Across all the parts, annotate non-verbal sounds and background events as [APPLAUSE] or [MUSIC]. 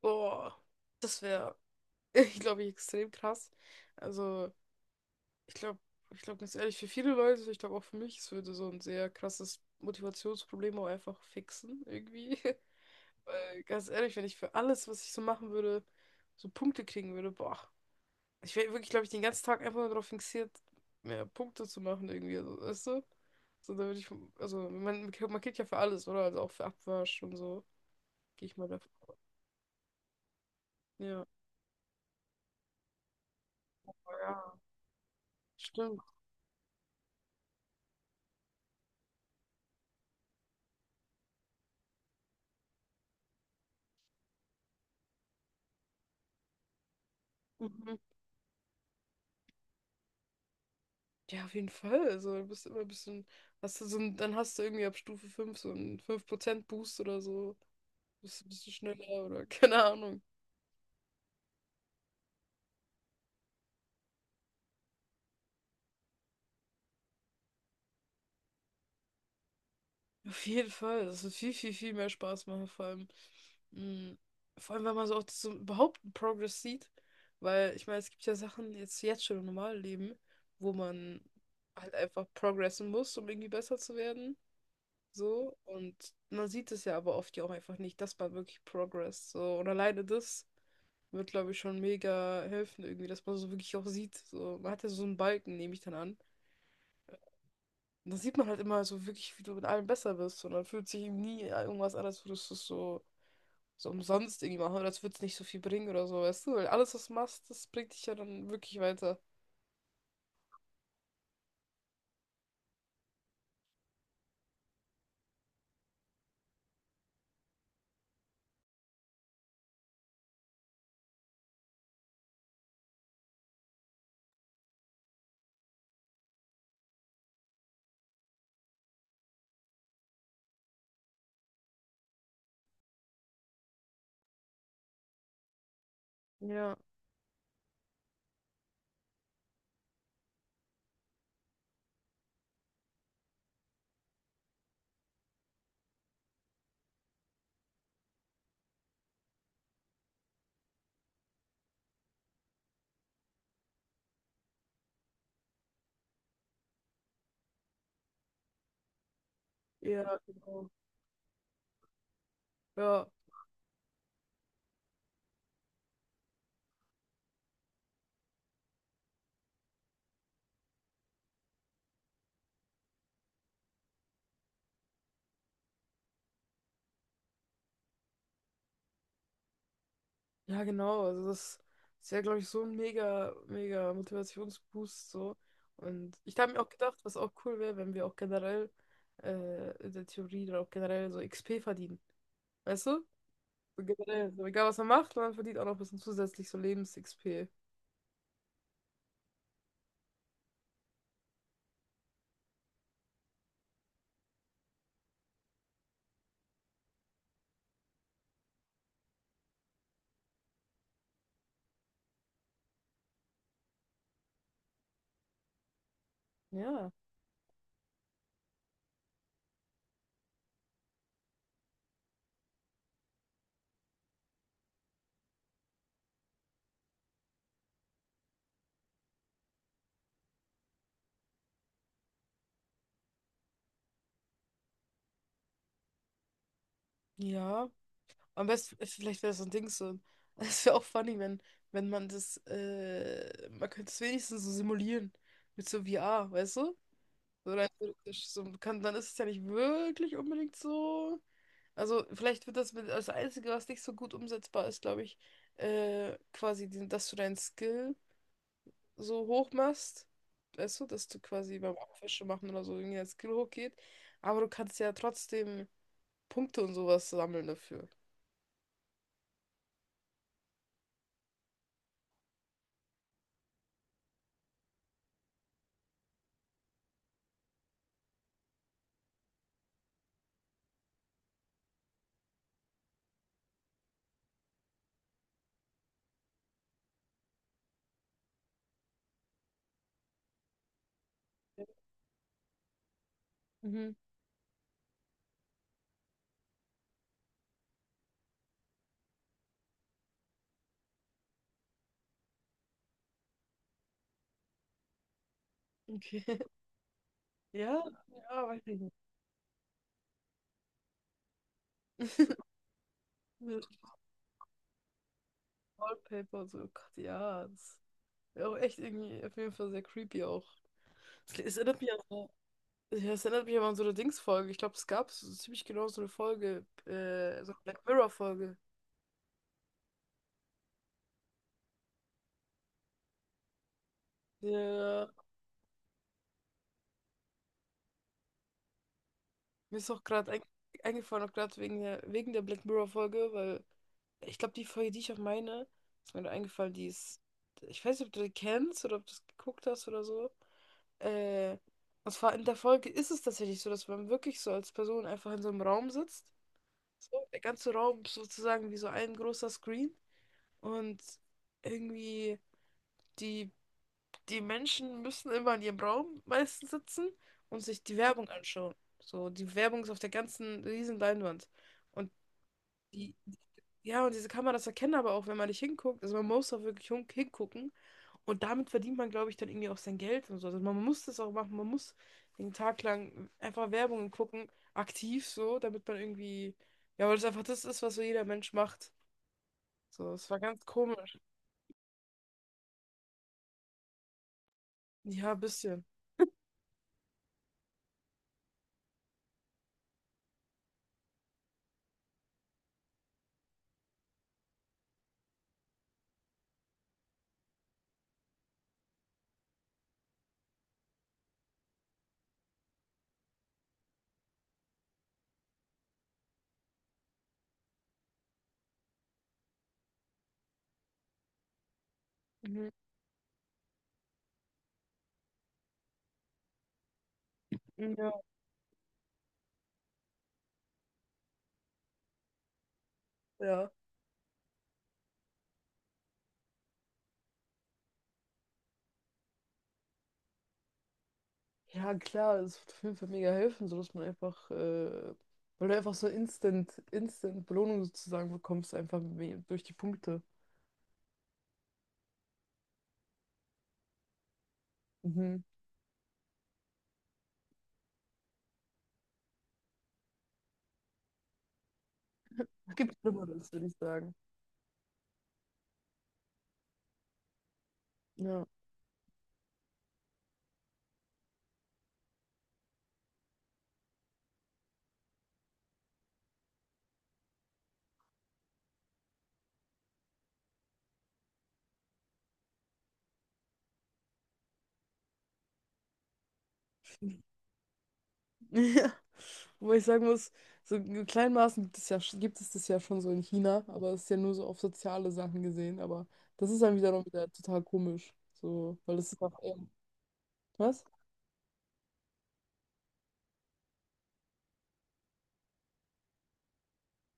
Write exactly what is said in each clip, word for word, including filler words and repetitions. Boah, das wäre, [LAUGHS] ich glaube, extrem krass. Also, ich glaube, ich glaube ganz ehrlich, für viele Leute, ich glaube auch für mich, es würde so ein sehr krasses Motivationsproblem auch einfach fixen, irgendwie. [LAUGHS] Weil, ganz ehrlich, wenn ich für alles, was ich so machen würde, so Punkte kriegen würde, boah. Ich wäre wirklich, glaube ich, den ganzen Tag einfach nur darauf fixiert, mehr Punkte zu machen, irgendwie, also, weißt du? So, da würde ich, also, man, man kriegt ja für alles, oder? Also auch für Abwasch und so, gehe ich mal davon. Ja. Ja, stimmt. Mhm. Ja, auf jeden Fall. Also, du bist immer ein bisschen. Hast du so ein, dann hast du irgendwie ab Stufe fünf so einen fünf Prozent Boost oder so. Bist ein bisschen schneller oder [LAUGHS] keine Ahnung. Auf jeden Fall. Das wird viel, viel, viel mehr Spaß machen, vor allem. mm, Vor allem, wenn man so auch so überhaupt einen Progress sieht. Weil, ich meine, es gibt ja Sachen jetzt, jetzt schon im normalen Leben, wo man halt einfach progressen muss, um irgendwie besser zu werden. So, und man sieht es ja aber oft ja auch einfach nicht. Das war wirklich Progress. So, und alleine das wird, glaube ich, schon mega helfen, irgendwie, dass man so wirklich auch sieht. So, man hat ja so einen Balken, nehme ich dann an. Und dann sieht man halt immer so wirklich, wie du mit allem besser bist. Und dann fühlt sich eben nie irgendwas an, als würdest du es so, so umsonst irgendwie machen. Oder als würde es nicht so viel bringen oder so, weißt du? Weil alles, was du machst, das bringt dich ja dann wirklich weiter. Ja, ja, genau. Ja. Ja, genau. Also das ist ja, glaube ich, so ein mega, mega Motivationsboost so. Und ich habe mir auch gedacht, was auch cool wäre, wenn wir auch generell äh, in der Theorie oder auch generell so X P verdienen. Weißt du? So generell, so egal was man macht, man verdient auch noch ein bisschen zusätzlich so Lebens-X P. Ja. Ja. Am besten, äh, vielleicht wäre das so ein Ding so. [LAUGHS] Es wäre auch funny, wenn, wenn man das, äh, man könnte es wenigstens so simulieren. Mit so V R, weißt du? So rein theoretisch. So kann, dann ist es ja nicht wirklich unbedingt so. Also vielleicht wird das mit das Einzige, was nicht so gut umsetzbar ist, glaube ich, äh, quasi, diesen- dass du deinen Skill so hoch machst. Weißt du, dass du quasi beim Fische machen oder so irgendwie dein Skill hochgeht. Aber du kannst ja trotzdem Punkte und sowas sammeln dafür. Mhm. Okay. [LAUGHS] Ja, ja, weiß ich nicht. [LAUGHS] Mit Wallpaper und so, oh Gott, ja. Das wäre auch echt irgendwie auf jeden Fall sehr creepy auch. Es es erinnert mich an so Ja, das erinnert mich aber an so eine Dings-Folge. Ich glaube, es gab so ziemlich genau so eine Folge, äh, so eine Black Mirror-Folge. Ja, mir ist auch gerade ein eingefallen, auch gerade wegen der, wegen der Black Mirror-Folge, weil ich glaube, die Folge, die ich auch meine, ist mir da eingefallen, die ist, ich weiß nicht, ob du die kennst oder ob du es geguckt hast oder so. Äh, und zwar in der Folge ist es tatsächlich so, dass man wirklich so als Person einfach in so einem Raum sitzt. So, der ganze Raum ist sozusagen wie so ein großer Screen. Und irgendwie die die Menschen müssen immer in ihrem Raum meistens sitzen und sich die Werbung anschauen. So, die Werbung ist auf der ganzen riesen Leinwand. Und die, ja, und diese Kameras erkennen aber auch, wenn man nicht hinguckt. Also man muss auch wirklich hin- hingucken. Und damit verdient man, glaube ich, dann irgendwie auch sein Geld und so. Also man muss das auch machen. Man muss den Tag lang einfach Werbung gucken, aktiv so, damit man irgendwie, ja, weil das einfach das ist, was so jeder Mensch macht. So, es war ganz komisch. Ja, ein bisschen. Mhm. Ja, ja. Ja, klar, es wird auf jeden Fall mega helfen, sodass man einfach, äh, weil du einfach so instant, instant Belohnung sozusagen bekommst, einfach me- durch die Punkte. Mhm. Es gibt Schlimmeres, würde ich sagen. Ja. [LAUGHS] Ja. Wobei ich sagen muss, so in kleinen Maßen gibt es ja, gibt es das ja schon so in China, aber es ist ja nur so auf soziale Sachen gesehen, aber das ist dann wiederum wieder total komisch. So, weil das ist auch eher. Was?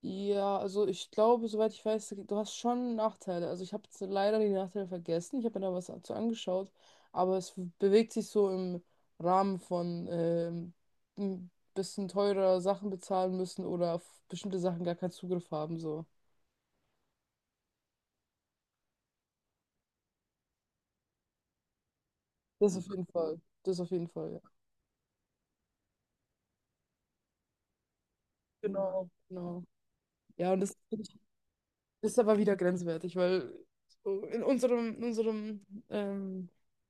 Ja, also ich glaube, soweit ich weiß, du hast schon Nachteile. Also ich habe jetzt leider die Nachteile vergessen. Ich habe mir da was dazu angeschaut, aber es bewegt sich so im Rahmen von ähm, ein bisschen teurer Sachen bezahlen müssen oder auf bestimmte Sachen gar keinen Zugriff haben. So. Das auf jeden Fall. Das auf jeden Fall, ja. Genau, genau. Ja, und das, das ist aber wieder grenzwertig, weil so in unserem, in unserem ähm,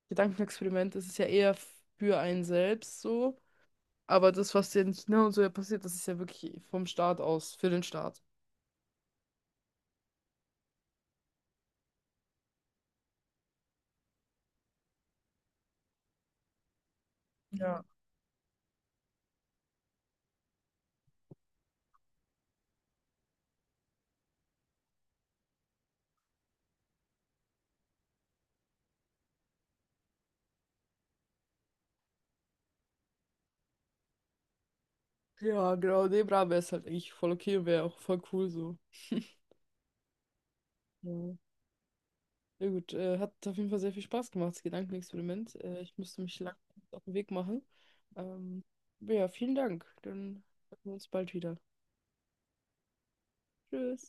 Gedankenexperiment ist es ja eher für einen selbst so. Aber das, was jetzt ne und so ja passiert, das ist ja wirklich vom Staat aus, für den Staat. Ja. Ja, genau, nee, bra, wäre es halt eigentlich voll okay und wäre auch voll cool so. Ja, ja gut, äh, hat auf jeden Fall sehr viel Spaß gemacht, das Gedankenexperiment. Äh, ich müsste mich lang auf den Weg machen. Ähm, ja, vielen Dank. Dann sehen wir uns bald wieder. Tschüss.